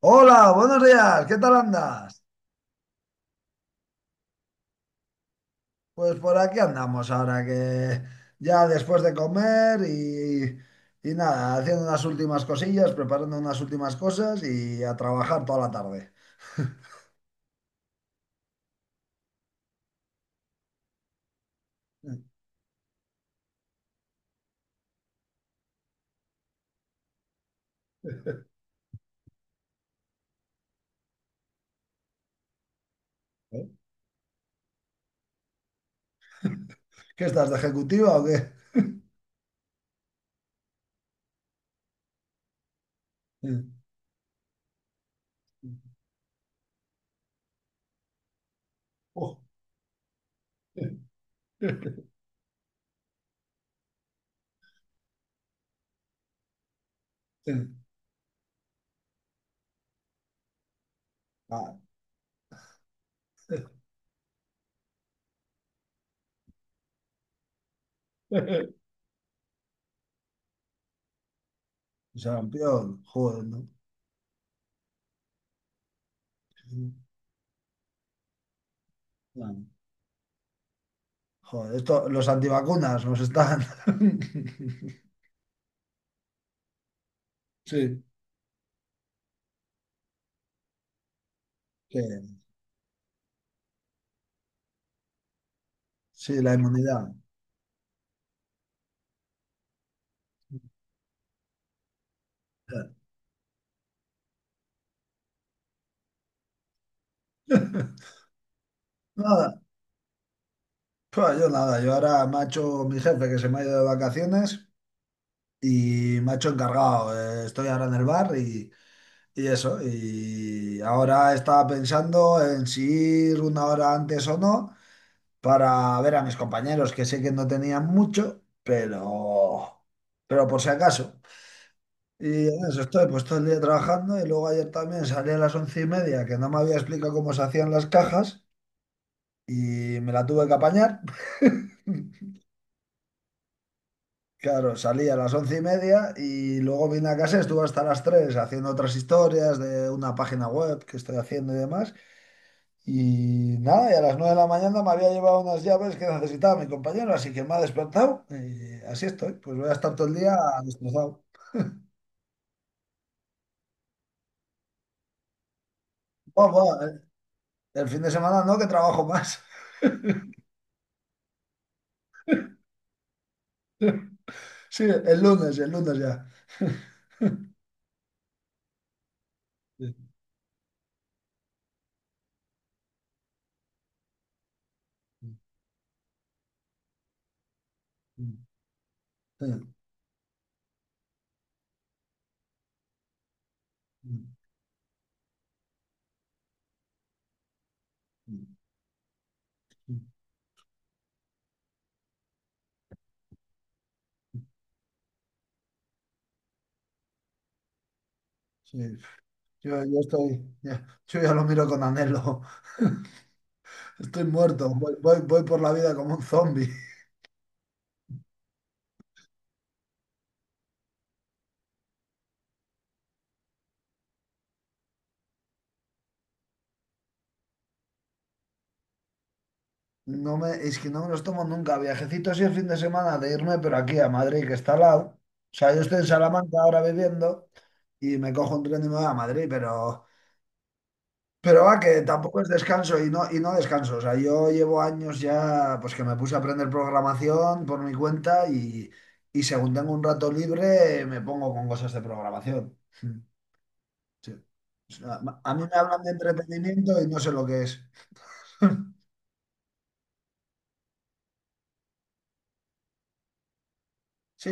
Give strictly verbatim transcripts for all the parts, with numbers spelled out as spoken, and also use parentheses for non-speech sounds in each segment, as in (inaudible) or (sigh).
Hola, buenos días, ¿qué tal andas? Pues por aquí andamos ahora que ya después de comer y, y nada, haciendo unas últimas cosillas, preparando unas últimas cosas y a trabajar toda la tarde. (laughs) ¿Eh? ¿Qué estás, de ejecutiva o qué? (laughs) Oh. Ah, sarampión, joder, ¿no? Claro. Joder, esto, los antivacunas nos están. (laughs) Sí, sí, sí, la inmunidad. (laughs) Nada, pues yo nada, yo ahora macho mi jefe que se me ha ido de vacaciones y macho encargado, eh, estoy ahora en el bar y, y eso, y ahora estaba pensando en si ir una hora antes o no para ver a mis compañeros que sé que no tenían mucho, pero, pero por si acaso. Y en eso estoy, pues todo el día trabajando y luego ayer también salí a las once y media, que no me había explicado cómo se hacían las cajas y me la tuve que apañar. (laughs) Claro, salí a las once y media y luego vine a casa, estuve hasta las tres haciendo otras historias de una página web que estoy haciendo y demás. Y nada, y a las nueve de la mañana me había llevado unas llaves que necesitaba mi compañero, así que me ha despertado y así estoy. Pues voy a estar todo el día destrozado. Buah, buah, el el fin de semana no, que trabajo más. (laughs) Sí, el lunes, el lunes ya. Sí, sí, sí. yo, yo estoy, yo yo ya lo miro con anhelo. Estoy muerto, voy, voy- voy por la vida como un zombie. No me, es que no me los tomo nunca. Viajecito así el fin de semana de irme, pero aquí a Madrid, que está al lado. O sea, yo estoy en Salamanca ahora viviendo y me cojo un tren y me voy a Madrid, pero, pero va, que tampoco es descanso y no, y no descanso. O sea, yo llevo años ya, pues que me puse a aprender programación por mi cuenta y, y según tengo un rato libre, me pongo con cosas de programación. Hmm. Sí. O sea, a mí me hablan de entretenimiento y no sé lo que es. Sí.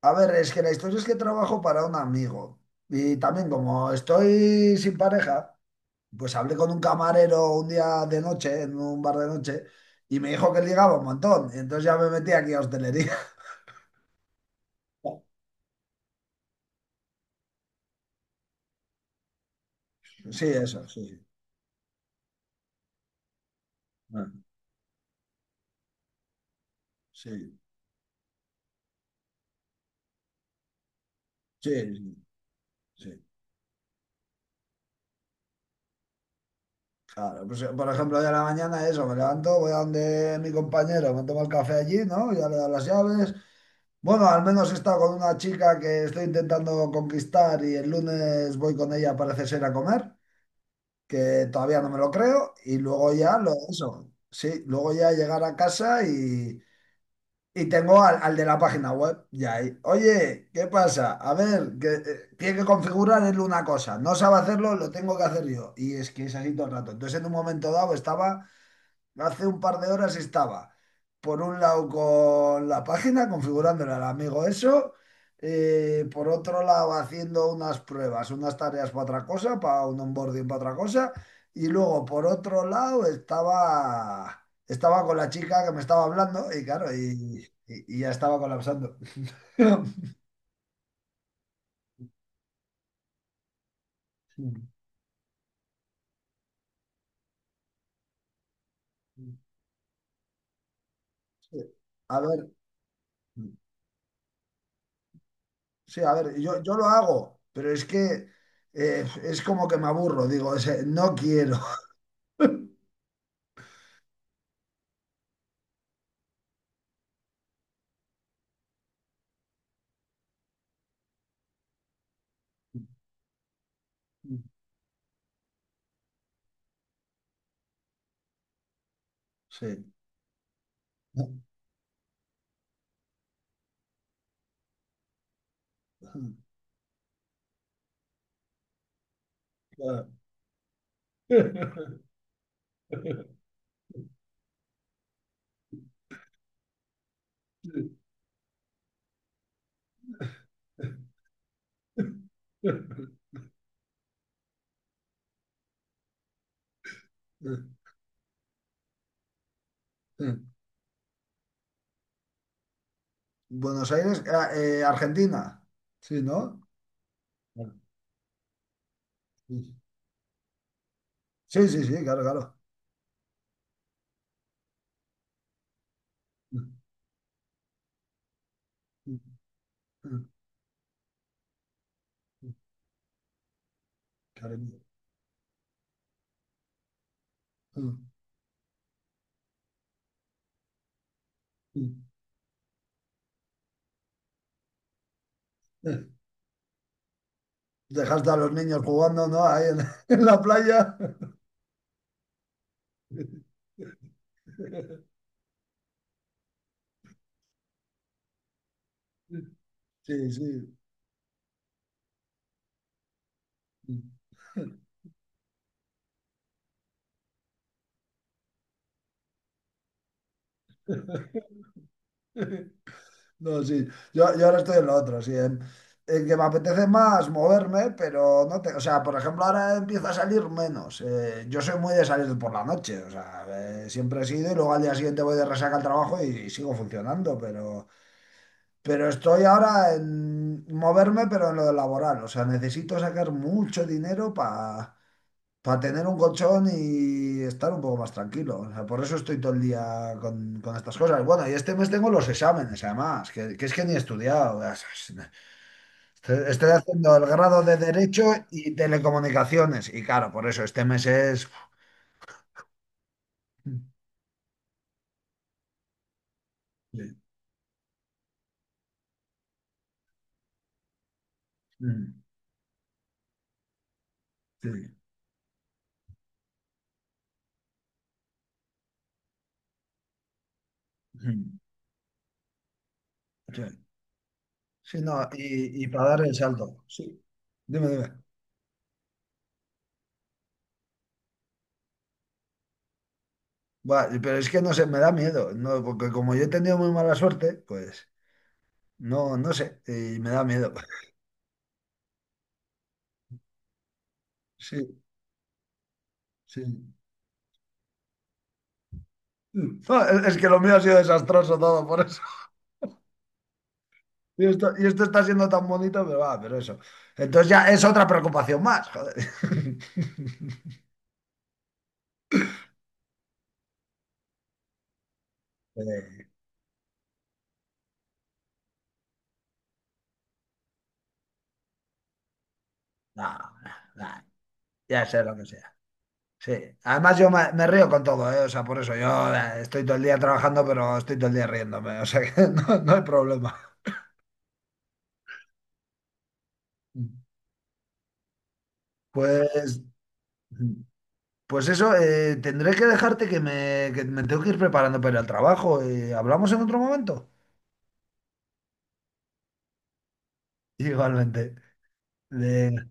A ver, es que la historia es que trabajo para un amigo y también como estoy sin pareja, pues hablé con un camarero un día de noche, en un bar de noche, y me dijo que ligaba un montón. Y entonces ya me metí aquí a hostelería. (laughs) Sí, eso, sí, sí. Ah. Sí, sí, sí, sí. Claro, pues eh, por ejemplo, de la mañana eso, me levanto, voy a donde mi compañero, me tomo el café allí, ¿no? Ya le doy las llaves. Bueno, al menos he estado con una chica que estoy intentando conquistar y el lunes voy con ella, parece ser, a comer, que todavía no me lo creo, y luego ya lo eso, sí, luego ya llegar a casa y, y tengo al, al de la página web ya ahí. Oye, ¿qué pasa? A ver, que eh, tiene que configurar él una cosa, no sabe hacerlo, lo tengo que hacer yo. Y es que es así todo el rato. Entonces, en un momento dado estaba... Hace un par de horas estaba, por un lado, con la página, configurándole al amigo eso, eh, por otro lado, haciendo unas pruebas, unas tareas para otra cosa, para un onboarding para otra cosa, y luego, por otro lado, estaba, estaba con la chica que me estaba hablando, y claro, y, y- y ya estaba colapsando. (laughs) Sí. A ver, sí, a ver, yo, yo lo hago, pero es que eh, es como que me aburro, digo, es, eh, no quiero. Sí. (laughs) Claro. Buenos Aires, ah, eh, Argentina. Sí, ¿no? Sí, sí, sí, claro, claro. Cariño. Dejaste a los niños jugando, ¿no? Ahí en, (laughs) en la playa. Sí, sí. No, sí. Yo, yo ahora estoy en lo otro, sí. En, en que me apetece más moverme, pero no te... O sea, por ejemplo, ahora empiezo a salir menos. Eh, yo soy muy de salir por la noche. O sea, eh, siempre he sido y luego al día siguiente voy de resaca al trabajo y sigo funcionando. Pero, pero estoy ahora en moverme, pero en lo laboral. O sea, necesito sacar mucho dinero para para tener un colchón y estar un poco más tranquilo. O sea, por eso estoy todo el día con, con estas cosas. Bueno, y este mes tengo los exámenes, además, que, que es que ni he estudiado. Estoy, estoy haciendo el grado de Derecho y Telecomunicaciones. Y claro, por eso este mes es... Sí, mm, sí, mm, sí. Sí, no, y, y para dar el salto. Sí. Dime, dime. Va, pero es que no sé, me da miedo, ¿no? Porque como yo he tenido muy mala suerte, pues no, no sé, y me da miedo. (laughs) Sí. Sí. No, es es que lo mío ha sido desastroso todo por eso. Y esto, y esto está siendo tan bonito, pero va, pero eso. Entonces ya es otra preocupación más, joder. (laughs) Eh, no, no, no, ya sé lo que sea. Sí. Además yo me, me río con todo, ¿eh? O sea, por eso yo eh, estoy todo el día trabajando, pero estoy todo el día riéndome. O sea que (laughs) no, no hay problema. Pues, pues eso, eh, tendré que dejarte, que me, que me tengo que ir preparando para ir al trabajo. Eh, ¿hablamos en otro momento? Igualmente. De